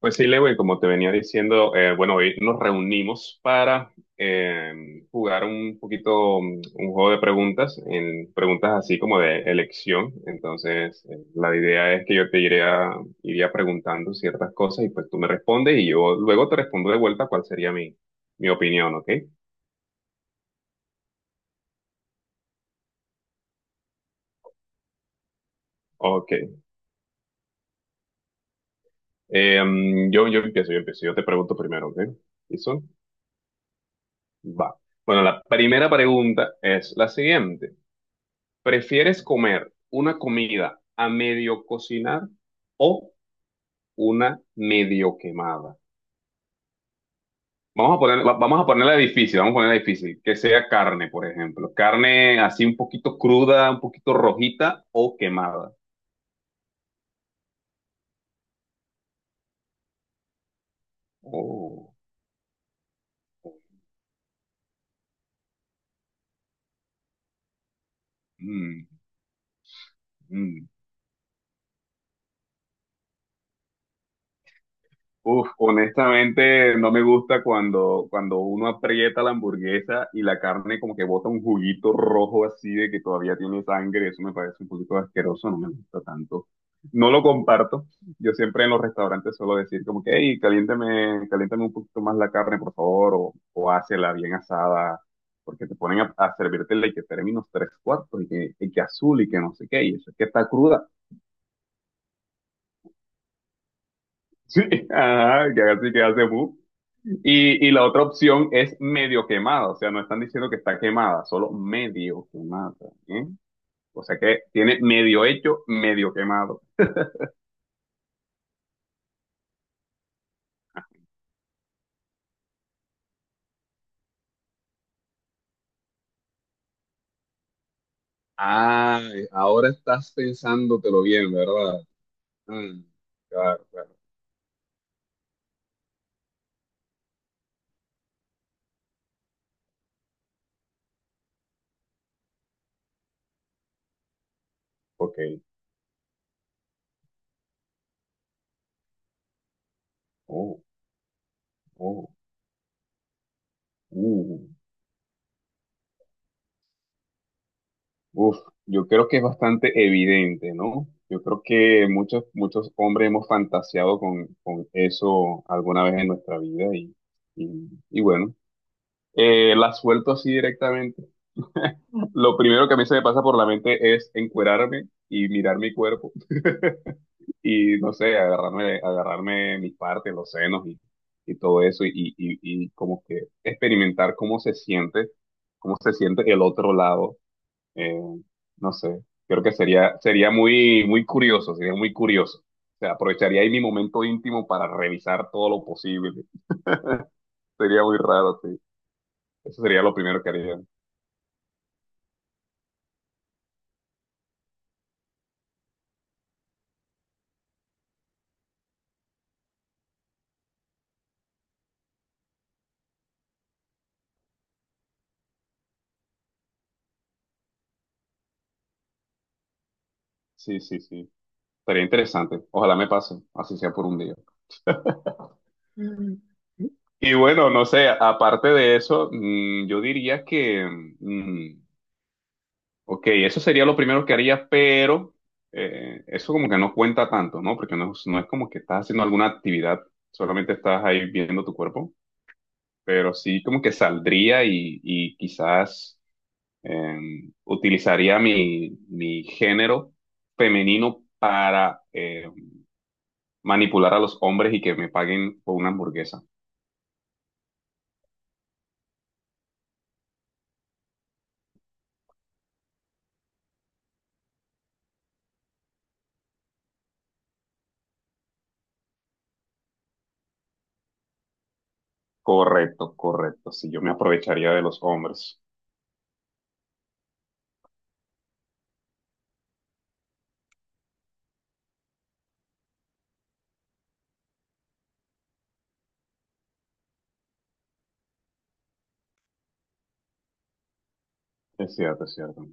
Pues sí, Lewin, como te venía diciendo, bueno, hoy nos reunimos para jugar un poquito un juego de preguntas, en preguntas así como de elección. Entonces, la idea es que yo te iría preguntando ciertas cosas y pues tú me respondes y yo luego te respondo de vuelta cuál sería mi opinión, ¿ok? Ok. Yo empiezo, yo empiezo, yo te pregunto primero, ¿ok? ¿Listo? Va. Bueno, la primera pregunta es la siguiente. ¿Prefieres comer una comida a medio cocinar o una medio quemada? Vamos a ponerla difícil, vamos a ponerla difícil. Que sea carne, por ejemplo. Carne así un poquito cruda, un poquito rojita o quemada. Oh. Mm. Mm. Uf, honestamente no me gusta cuando uno aprieta la hamburguesa y la carne como que bota un juguito rojo así de que todavía tiene sangre, eso me parece un poquito asqueroso, no me gusta tanto. No lo comparto, yo siempre en los restaurantes suelo decir como que, hey, caliéntame, caliéntame un poquito más la carne, por favor, o hácela bien asada, porque te ponen a servirte y que términos tres cuartos y que azul y que no sé qué, y eso es que está cruda. Sí, ajá, que haga así que hace bu. Y la otra opción es medio quemada, o sea, no están diciendo que está quemada, solo medio quemada, ¿eh? O sea que tiene medio hecho, medio quemado. Ah, ahora estás pensándotelo bien, ¿verdad? Mm, claro, claro. Ok. Oh, oh, uh. Uf, yo creo que es bastante evidente, ¿no? Yo creo que muchos, muchos hombres hemos fantaseado con eso alguna vez en nuestra vida y bueno, la suelto así directamente. Lo primero que a mí se me pasa por la mente es encuerarme y mirar mi cuerpo y, no sé, agarrarme mis partes, los senos y todo eso y como que experimentar cómo se siente el otro lado eh, no sé, creo que sería muy, muy curioso, sería muy curioso. O sea, aprovecharía ahí mi momento íntimo para revisar todo lo posible. Sería muy raro, sí. Eso sería lo primero que haría. Sí, sí, sí. Sería interesante. Ojalá me pase, así sea por un día. Mm. Y bueno, no sé, aparte de eso, yo diría que, mm, ok, eso sería lo primero que haría, pero eso como que no cuenta tanto, ¿no? Porque no, no es como que estás haciendo alguna actividad, solamente estás ahí viendo tu cuerpo, pero sí como que saldría y quizás utilizaría mi género femenino para manipular a los hombres y que me paguen por una hamburguesa. Correcto, correcto, sí, yo me aprovecharía de los hombres. Es cierto, es cierto.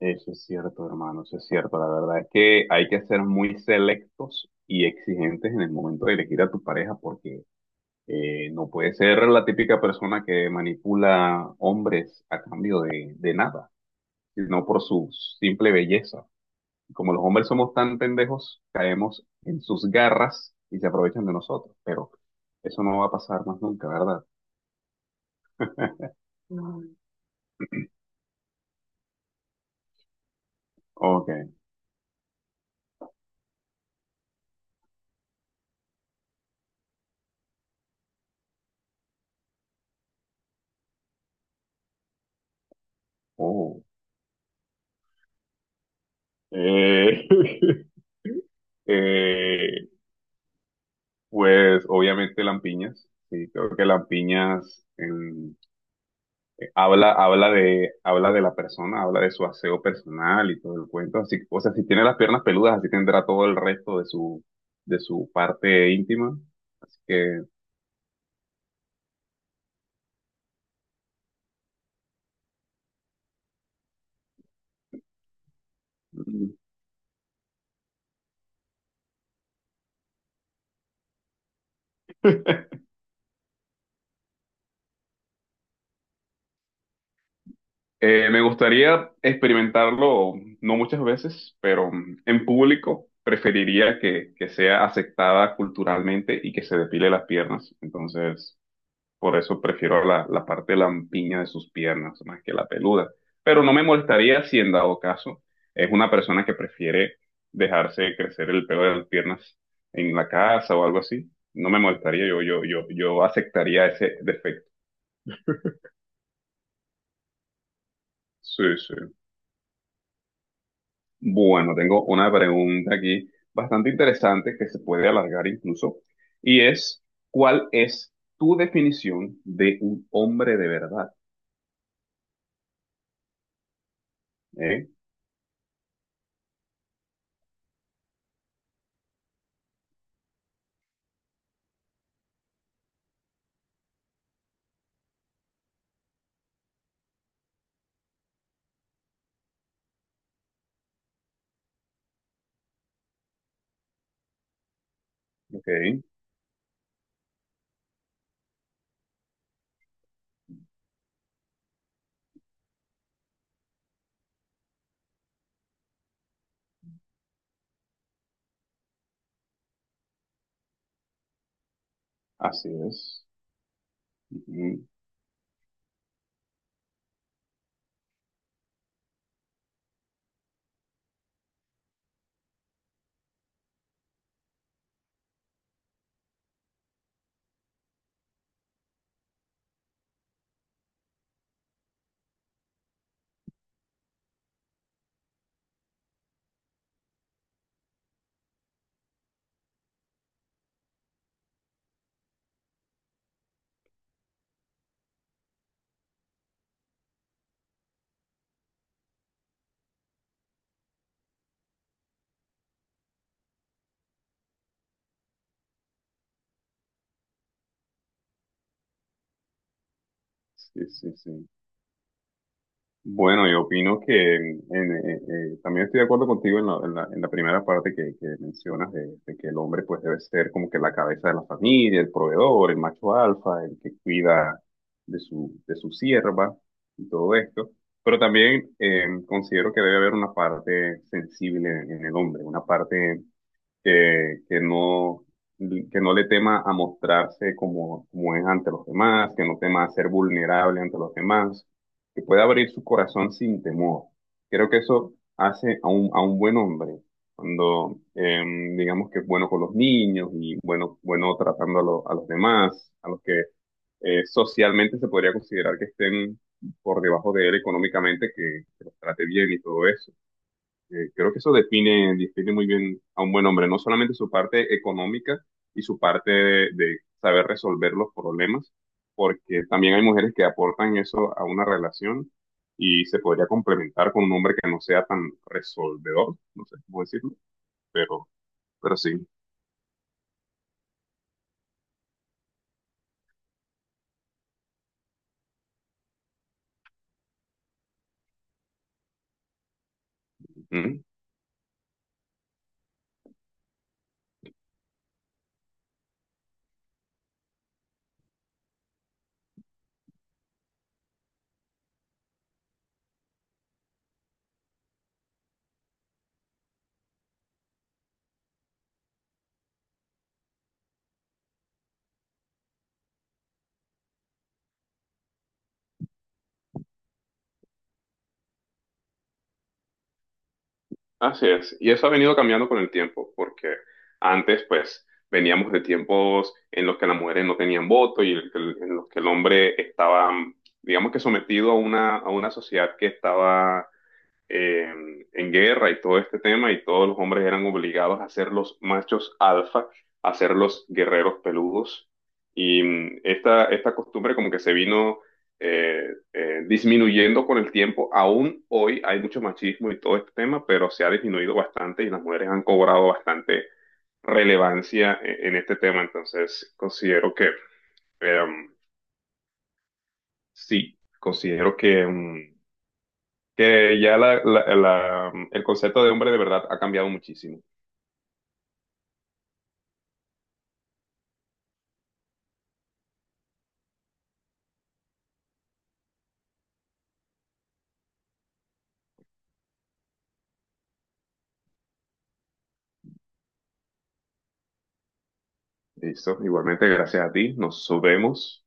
Eso es cierto, hermano, eso es cierto. La verdad es que hay que ser muy selectos y exigentes en el momento de elegir a tu pareja porque no puede ser la típica persona que manipula hombres a cambio de nada, sino por su simple belleza. Como los hombres somos tan pendejos, caemos en sus garras y se aprovechan de nosotros, pero eso no va a pasar más nunca, ¿verdad? No. Ok. Oh. Eh, eh, pues obviamente lampiñas, sí, creo que lampiñas. Habla de la persona, habla de su aseo personal y todo el cuento. Así, o sea, si tiene las piernas peludas, así tendrá todo el resto de su parte íntima. Así que mm, me gustaría experimentarlo, no muchas veces, pero en público preferiría que sea aceptada culturalmente y que se depile las piernas. Entonces. Por eso prefiero la parte lampiña de sus piernas más que la peluda. Pero no me molestaría si en dado caso es una persona que prefiere dejarse crecer el pelo de las piernas en la casa o algo así. No me molestaría, yo aceptaría ese defecto. Sí, sí. Bueno, tengo una pregunta aquí bastante interesante que se puede alargar incluso, y es, ¿cuál es tu definición de un hombre de verdad? ¿Eh? Ok, así es. Ujú. Sí, sí, sí. Bueno, yo opino que también estoy de acuerdo contigo en la primera parte que mencionas de que el hombre pues debe ser como que la cabeza de la familia, el proveedor, el macho alfa, el que cuida de su sierva y todo esto. Pero también considero que debe haber una parte sensible en el hombre, una parte que, que no, que no le tema a mostrarse como es ante los demás, que no tema a ser vulnerable ante los demás, que pueda abrir su corazón sin temor. Creo que eso hace a un buen hombre, cuando digamos que es bueno con los niños y bueno, bueno tratando a los demás, a los que socialmente se podría considerar que estén por debajo de él económicamente, que los trate bien y todo eso. Creo que eso define muy bien a un buen hombre, no solamente su parte económica y su parte de saber resolver los problemas, porque también hay mujeres que aportan eso a una relación y se podría complementar con un hombre que no sea tan resolvedor, no sé cómo decirlo, pero, pero sí. Ujú. Así es, y eso ha venido cambiando con el tiempo, porque antes pues veníamos de tiempos en los que las mujeres no tenían voto y en los que el hombre estaba, digamos que sometido a una sociedad que estaba eh, en guerra y todo este tema, y todos los hombres eran obligados a ser los machos alfa, a ser los guerreros peludos. Y esta costumbre como que se vino eh, disminuyendo con el tiempo. Aún hoy hay mucho machismo y todo este tema, pero se ha disminuido bastante y las mujeres han cobrado bastante relevancia en este tema. Entonces, considero que, eh, sí, considero que ya el concepto de hombre de verdad ha cambiado muchísimo. Listo, igualmente, gracias a ti, nos vemos.